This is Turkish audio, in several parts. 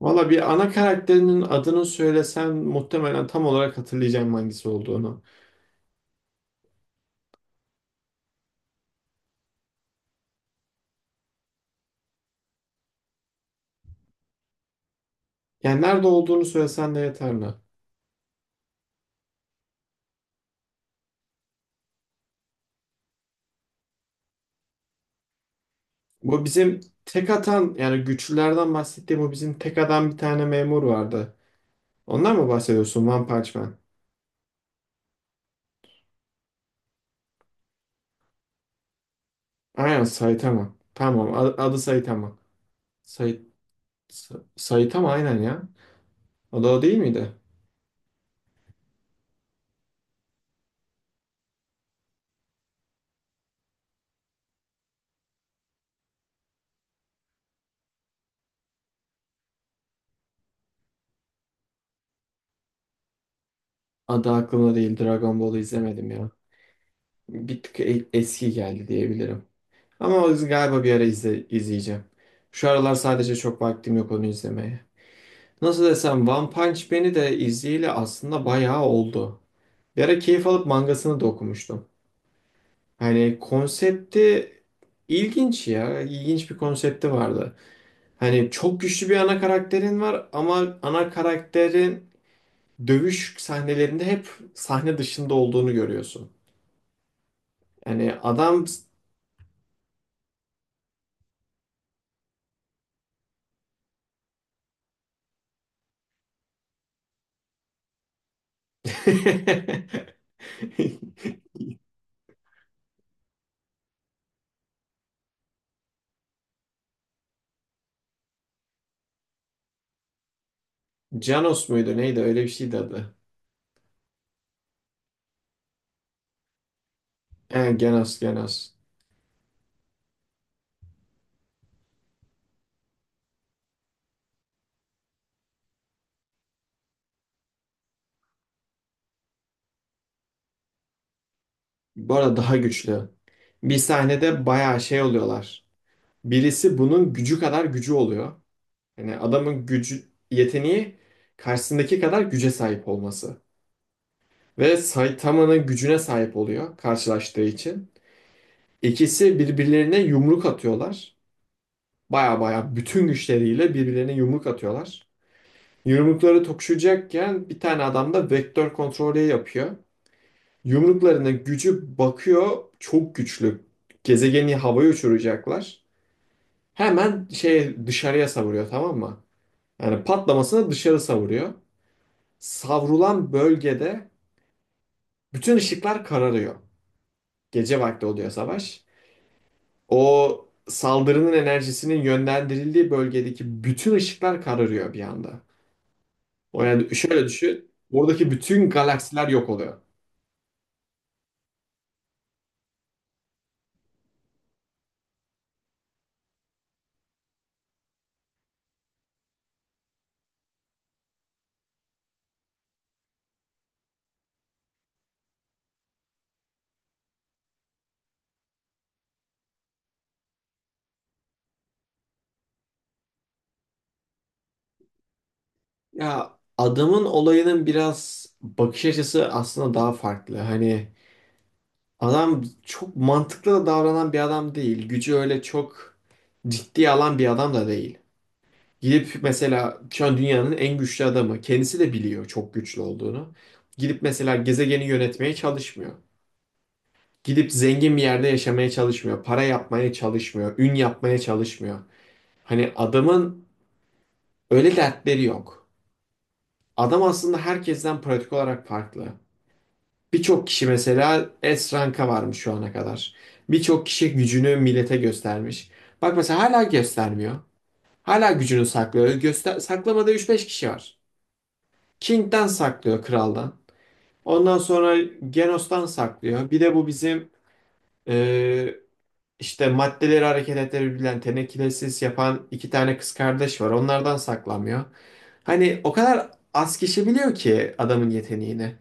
Valla bir ana karakterinin adını söylesen muhtemelen tam olarak hatırlayacağım hangisi olduğunu. Yani nerede olduğunu söylesen de yeterli. Bu bizim tek atan yani güçlülerden bahsettiğim bu bizim tek atan bir tane memur vardı. Ondan mı bahsediyorsun One Punch Man? Aynen Saitama. Tamam adı Saitama. Say Saitama aynen ya. O da o değil miydi? Adı aklımda değil. Dragon Ball'u izlemedim ya. Bir tık eski geldi diyebilirim. Ama o yüzden galiba bir ara izleyeceğim. Şu aralar sadece çok vaktim yok onu izlemeye. Nasıl desem One Punch Man'i de izleyeli aslında bayağı oldu. Bir ara keyif alıp mangasını da okumuştum. Hani konsepti ilginç ya. İlginç bir konsepti vardı. Hani çok güçlü bir ana karakterin var ama ana karakterin dövüş sahnelerinde hep sahne dışında olduğunu görüyorsun. Yani adam Janos muydu neydi öyle bir şeydi adı. He, Genos. Bu arada daha güçlü. Bir sahnede bayağı şey oluyorlar. Birisi bunun gücü kadar gücü oluyor. Yani adamın gücü, yeteneği karşısındaki kadar güce sahip olması. Ve Saitama'nın gücüne sahip oluyor karşılaştığı için. İkisi birbirlerine yumruk atıyorlar. Baya baya bütün güçleriyle birbirlerine yumruk atıyorlar. Yumrukları tokuşacakken bir tane adam da vektör kontrolü yapıyor. Yumruklarının gücü bakıyor çok güçlü. Gezegeni havaya uçuracaklar. Hemen şey dışarıya savuruyor, tamam mı? Yani patlamasına dışarı savuruyor. Savrulan bölgede bütün ışıklar kararıyor. Gece vakti oluyor savaş. O saldırının enerjisinin yönlendirildiği bölgedeki bütün ışıklar kararıyor bir anda. O yani şöyle düşün. Oradaki bütün galaksiler yok oluyor. Ya adamın olayının biraz bakış açısı aslında daha farklı. Hani adam çok mantıklı da davranan bir adam değil. Gücü öyle çok ciddiye alan bir adam da değil. Gidip mesela şu an dünyanın en güçlü adamı. Kendisi de biliyor çok güçlü olduğunu. Gidip mesela gezegeni yönetmeye çalışmıyor. Gidip zengin bir yerde yaşamaya çalışmıyor. Para yapmaya çalışmıyor. Ün yapmaya çalışmıyor. Hani adamın öyle dertleri yok. Adam aslında herkesten pratik olarak farklı. Birçok kişi mesela S ranka varmış şu ana kadar. Birçok kişi gücünü millete göstermiş. Bak mesela hala göstermiyor. Hala gücünü saklıyor. Göster saklamadığı üç beş kişi var. King'den saklıyor, kraldan. Ondan sonra Genos'tan saklıyor. Bir de bu bizim e, işte maddeleri hareket ettirebilen tenekilesiz yapan iki tane kız kardeş var. Onlardan saklamıyor. Hani o kadar az kişi biliyor ki adamın yeteneğini.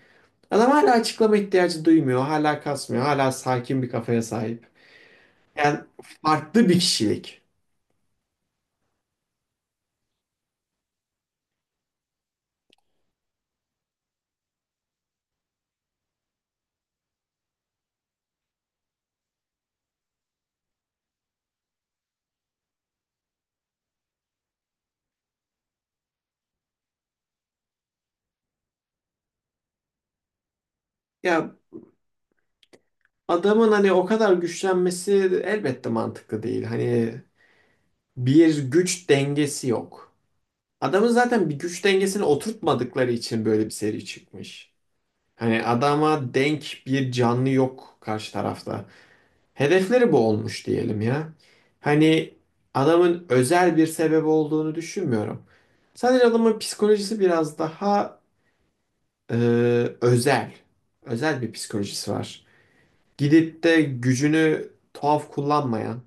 Adam hala açıklama ihtiyacı duymuyor. Hala kasmıyor. Hala sakin bir kafaya sahip. Yani farklı bir kişilik. Ya adamın hani o kadar güçlenmesi elbette mantıklı değil. Hani bir güç dengesi yok. Adamın zaten bir güç dengesini oturtmadıkları için böyle bir seri çıkmış. Hani adama denk bir canlı yok karşı tarafta. Hedefleri bu olmuş diyelim ya. Hani adamın özel bir sebebi olduğunu düşünmüyorum. Sadece adamın psikolojisi biraz daha e, özel. Özel bir psikolojisi var. Gidip de gücünü tuhaf kullanmayan,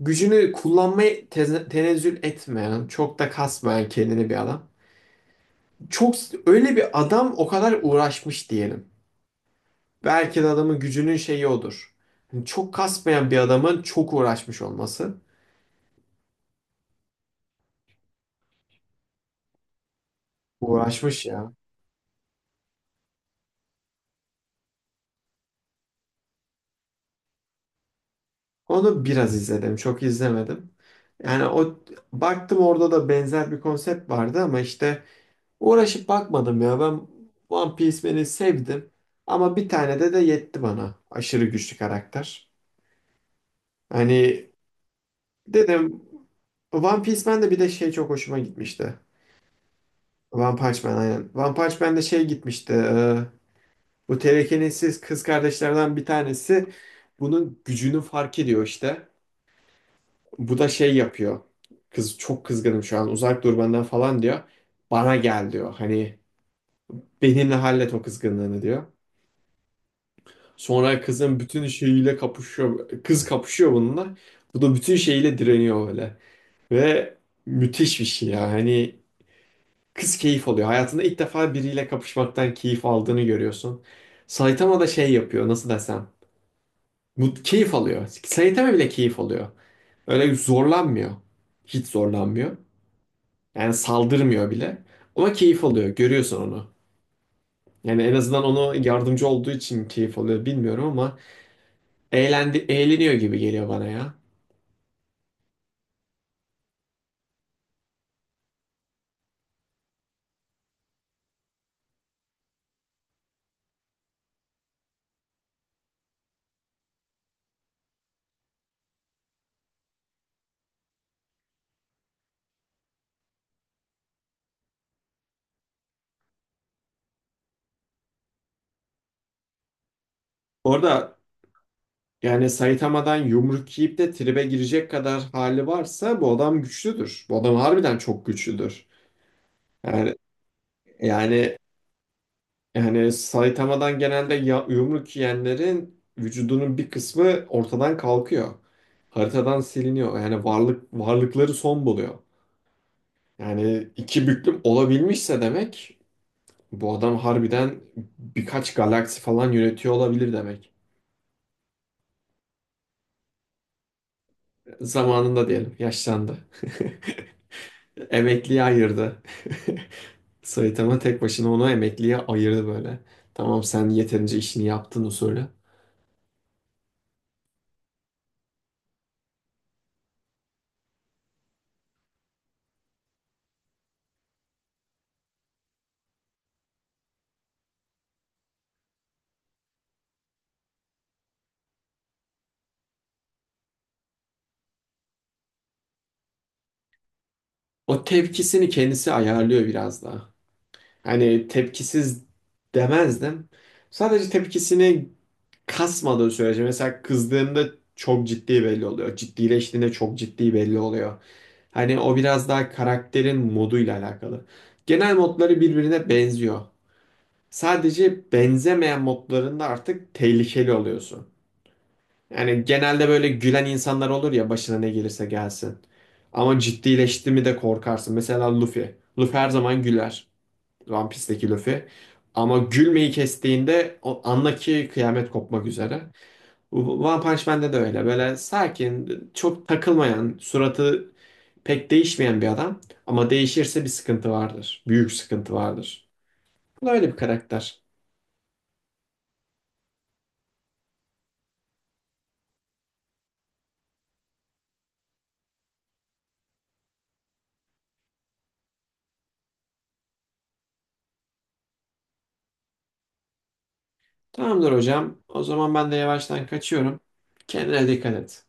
gücünü kullanmaya tenezzül etmeyen, çok da kasmayan kendini bir adam. Çok öyle bir adam o kadar uğraşmış diyelim. Belki de adamın gücünün şeyi odur. Hani çok kasmayan bir adamın çok uğraşmış olması. Uğraşmış ya. Onu biraz izledim, çok izlemedim. Yani o baktım orada da benzer bir konsept vardı ama işte uğraşıp bakmadım ya. Ben One Piece Man'i sevdim ama bir tane de yetti bana. Aşırı güçlü karakter. Hani dedim One Piece Man'de bir de şey çok hoşuma gitmişti. One Punch Man aynen. One Punch Man'de şey gitmişti. Bu telekinesiz kız kardeşlerden bir tanesi bunun gücünü fark ediyor işte. Bu da şey yapıyor. Kız çok kızgınım şu an uzak dur benden falan diyor. Bana gel diyor. Hani benimle hallet o kızgınlığını diyor. Sonra kızın bütün şeyiyle kapışıyor. Kız kapışıyor bununla. Bu da bütün şeyiyle direniyor öyle. Ve müthiş bir şey ya. Hani kız keyif alıyor. Hayatında ilk defa biriyle kapışmaktan keyif aldığını görüyorsun. Saitama da şey yapıyor, nasıl desem. Bu keyif alıyor. Saitama bile keyif alıyor. Öyle zorlanmıyor. Hiç zorlanmıyor. Yani saldırmıyor bile. Ama keyif alıyor. Görüyorsun onu. Yani en azından onu yardımcı olduğu için keyif alıyor bilmiyorum ama eğlendi, eğleniyor gibi geliyor bana ya. Orada yani Saitama'dan yumruk yiyip de tribe girecek kadar hali varsa bu adam güçlüdür. Bu adam harbiden çok güçlüdür. Yani yani yani Saitama'dan genelde yumruk yiyenlerin vücudunun bir kısmı ortadan kalkıyor. Haritadan siliniyor. Yani varlıkları son buluyor. Yani iki büklüm olabilmişse demek bu adam harbiden birkaç galaksi falan yönetiyor olabilir demek. Zamanında diyelim yaşlandı. Emekliye ayırdı. Saitama tek başına onu emekliye ayırdı böyle. Tamam sen yeterince işini yaptın usulü. O tepkisini kendisi ayarlıyor biraz daha. Hani tepkisiz demezdim. Sadece tepkisini kasmadığı sürece mesela kızdığında çok ciddi belli oluyor. Ciddileştiğinde çok ciddi belli oluyor. Hani o biraz daha karakterin moduyla alakalı. Genel modları birbirine benziyor. Sadece benzemeyen modlarında artık tehlikeli oluyorsun. Yani genelde böyle gülen insanlar olur ya başına ne gelirse gelsin. Ama ciddileşti mi de korkarsın. Mesela Luffy. Luffy her zaman güler. One Piece'teki Luffy. Ama gülmeyi kestiğinde o anla ki kıyamet kopmak üzere. One Punch Man'de de öyle. Böyle sakin, çok takılmayan, suratı pek değişmeyen bir adam. Ama değişirse bir sıkıntı vardır. Büyük sıkıntı vardır. Bu da öyle bir karakter. Tamamdır hocam. O zaman ben de yavaştan kaçıyorum. Kendine dikkat et.